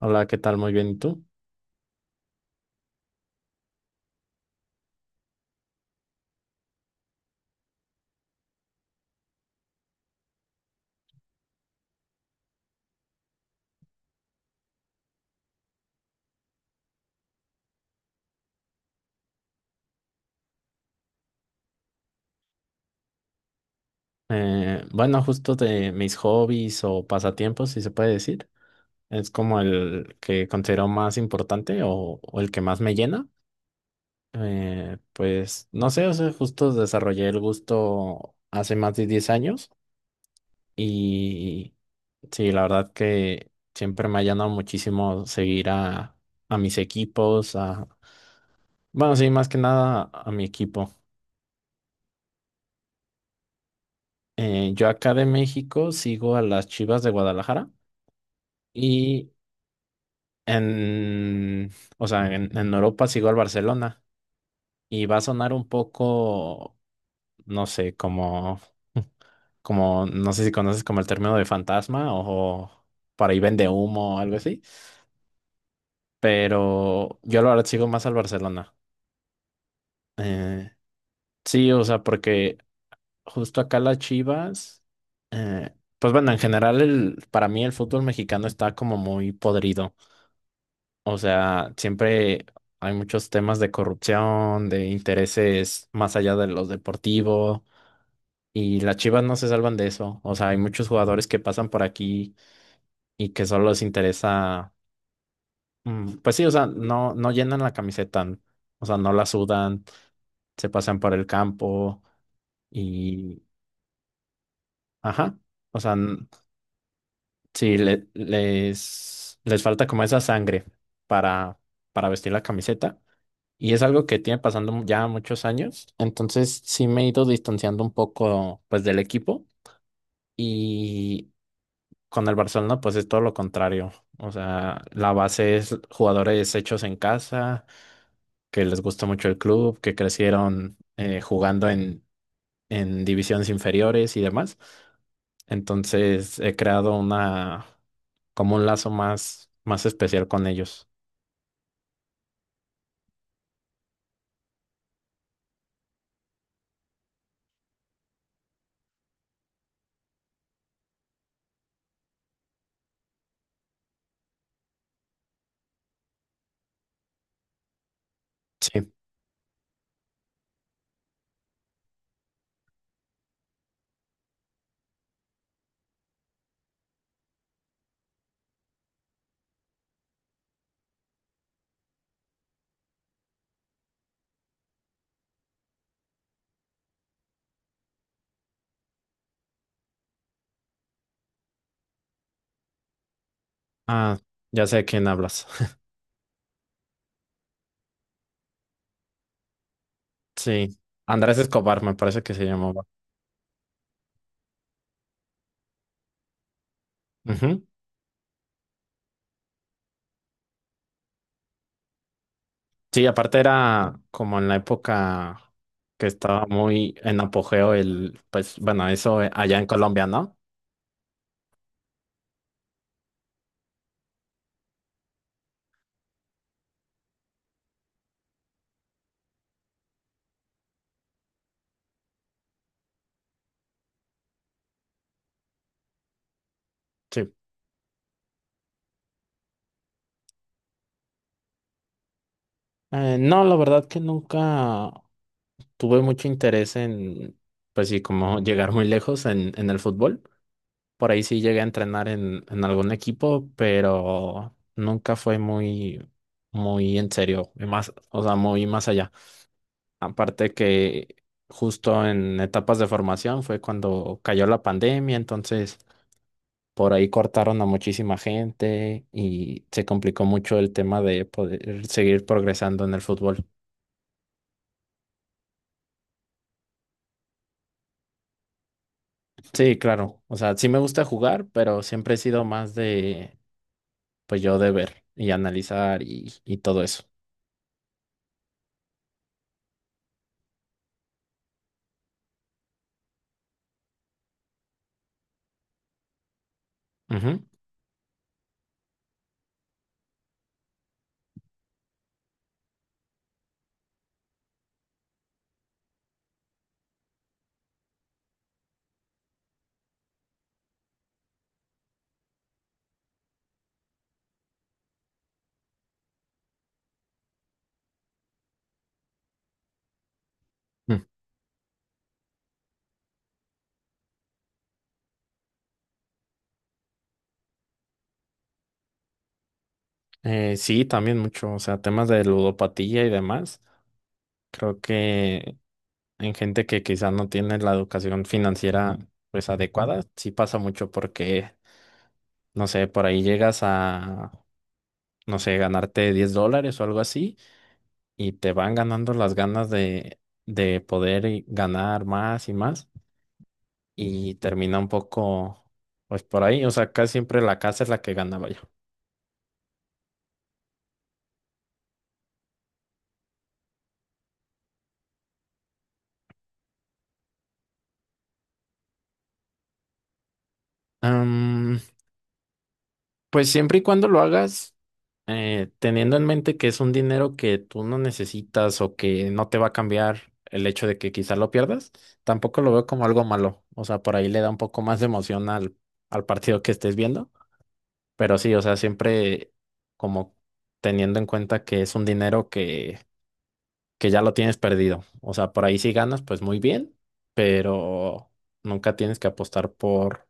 Hola, ¿qué tal? Muy bien, ¿y tú? Bueno, justo de mis hobbies o pasatiempos, si se puede decir, es como el que considero más importante o el que más me llena. Pues no sé, o sea, justo desarrollé el gusto hace más de 10 años y sí, la verdad que siempre me ha llenado muchísimo seguir a mis equipos, bueno, sí, más que nada a mi equipo. Yo acá de México sigo a las Chivas de Guadalajara. Y en, o sea, en Europa sigo al Barcelona y va a sonar un poco, no sé, como, como, no sé si conoces como el término de fantasma o, para ahí vende humo o algo así, pero yo la verdad sigo más al Barcelona. Eh, sí, o sea, porque justo acá las Chivas, pues bueno, en general el, para mí el fútbol mexicano está como muy podrido. O sea, siempre hay muchos temas de corrupción, de intereses más allá de los deportivos, y las Chivas no se salvan de eso. O sea, hay muchos jugadores que pasan por aquí y que solo les interesa, pues sí, o sea, no, no llenan la camiseta, o sea, no la sudan, se pasan por el campo y, ajá, o sea, sí, les falta como esa sangre para, para vestir la camiseta. Y es algo que tiene pasando ya muchos años. Entonces sí me he ido distanciando un poco pues del equipo y con el Barcelona pues es todo lo contrario. O sea, la base es jugadores hechos en casa, que les gusta mucho el club, que crecieron jugando en divisiones inferiores y demás. Entonces he creado una como un lazo más, más especial con ellos. Sí. Ah, ya sé de quién hablas. Sí, Andrés Escobar me parece que se llamaba. Ujú. Sí, aparte era como en la época que estaba muy en apogeo el, pues bueno, eso allá en Colombia, ¿no? Sí. No, la verdad que nunca tuve mucho interés pues sí, como llegar muy lejos en el fútbol. Por ahí sí llegué a entrenar en algún equipo, pero nunca fue muy, muy en serio, y más, o sea, muy más allá. Aparte que justo en etapas de formación fue cuando cayó la pandemia, entonces por ahí cortaron a muchísima gente y se complicó mucho el tema de poder seguir progresando en el fútbol. Sí, claro, o sea, sí me gusta jugar, pero siempre he sido más de, pues yo de ver y analizar y todo eso. Ujú. Mm. Sí, también mucho, o sea, temas de ludopatía y demás. Creo que en gente que quizás no tiene la educación financiera pues adecuada, sí pasa mucho porque, no sé, por ahí llegas a, no sé, ganarte $10 o algo así y te van ganando las ganas de poder y ganar más y más y termina un poco pues por ahí, o sea, casi siempre la casa es la que gana, vaya. Pues siempre y cuando lo hagas, teniendo en mente que es un dinero que tú no necesitas o que no te va a cambiar el hecho de que quizá lo pierdas, tampoco lo veo como algo malo. O sea, por ahí le da un poco más de emoción al partido que estés viendo. Pero sí, o sea, siempre como teniendo en cuenta que es un dinero que ya lo tienes perdido. O sea, por ahí si ganas, pues muy bien, pero nunca tienes que apostar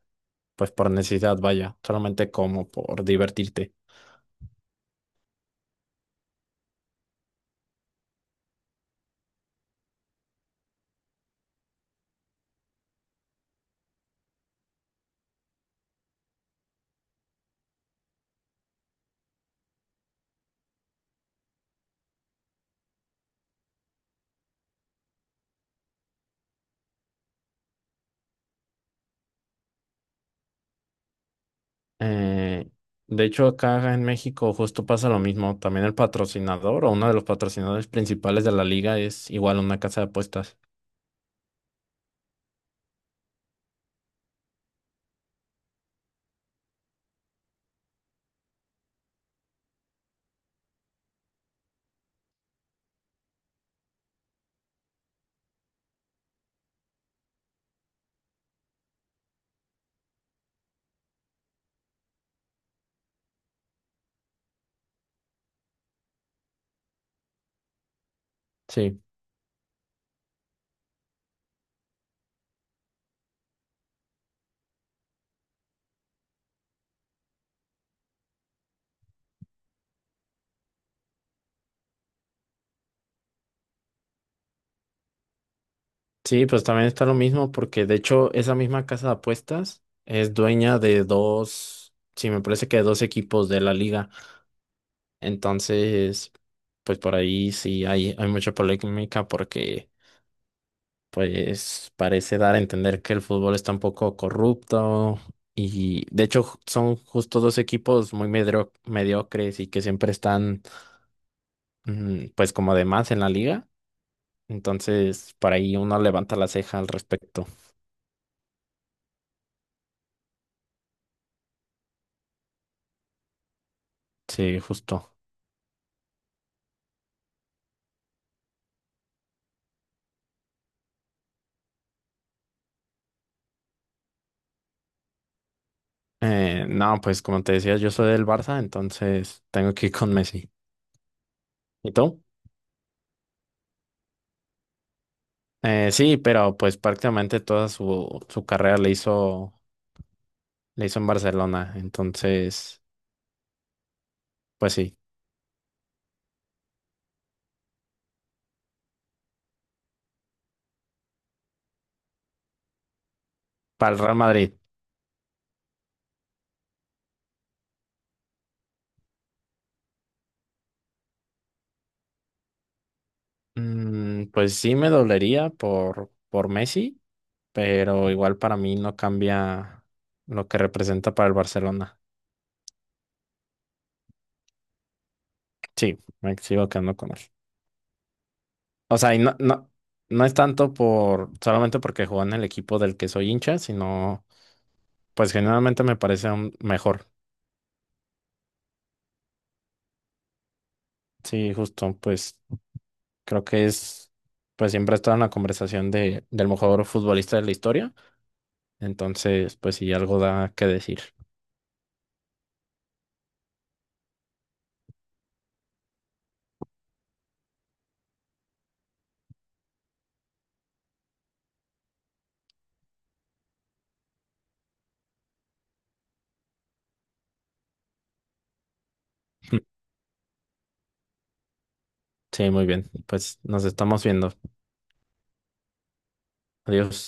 pues por necesidad, vaya, solamente como por divertirte. Eh, de hecho, acá en México justo pasa lo mismo. También el patrocinador o uno de los patrocinadores principales de la liga es igual una casa de apuestas. Sí, sí, pues también está lo mismo porque de hecho esa misma casa de apuestas es dueña de dos, sí, me parece que de dos equipos de la liga. Entonces, pues por ahí sí hay mucha polémica porque pues parece dar a entender que el fútbol está un poco corrupto y de hecho son justo dos equipos muy mediocres y que siempre están pues como de más en la liga. Entonces, por ahí uno levanta la ceja al respecto. Sí, justo. No, pues como te decía, yo soy del Barça, entonces tengo que ir con Messi. ¿Y tú? Sí, pero pues prácticamente toda su carrera le hizo en Barcelona, entonces, pues sí, para el Real Madrid. Pues sí me dolería por Messi, pero igual para mí no cambia lo que representa para el Barcelona. Sí, me sigo quedando con él. O sea, y no, no, no es tanto por solamente porque jugó en el equipo del que soy hincha, sino pues generalmente me parece un mejor. Sí, justo, pues creo que es, pues siempre está en la conversación del mejor futbolista de la historia. Entonces, pues sí, algo da que decir. Sí, muy bien. Pues nos estamos viendo. Adiós.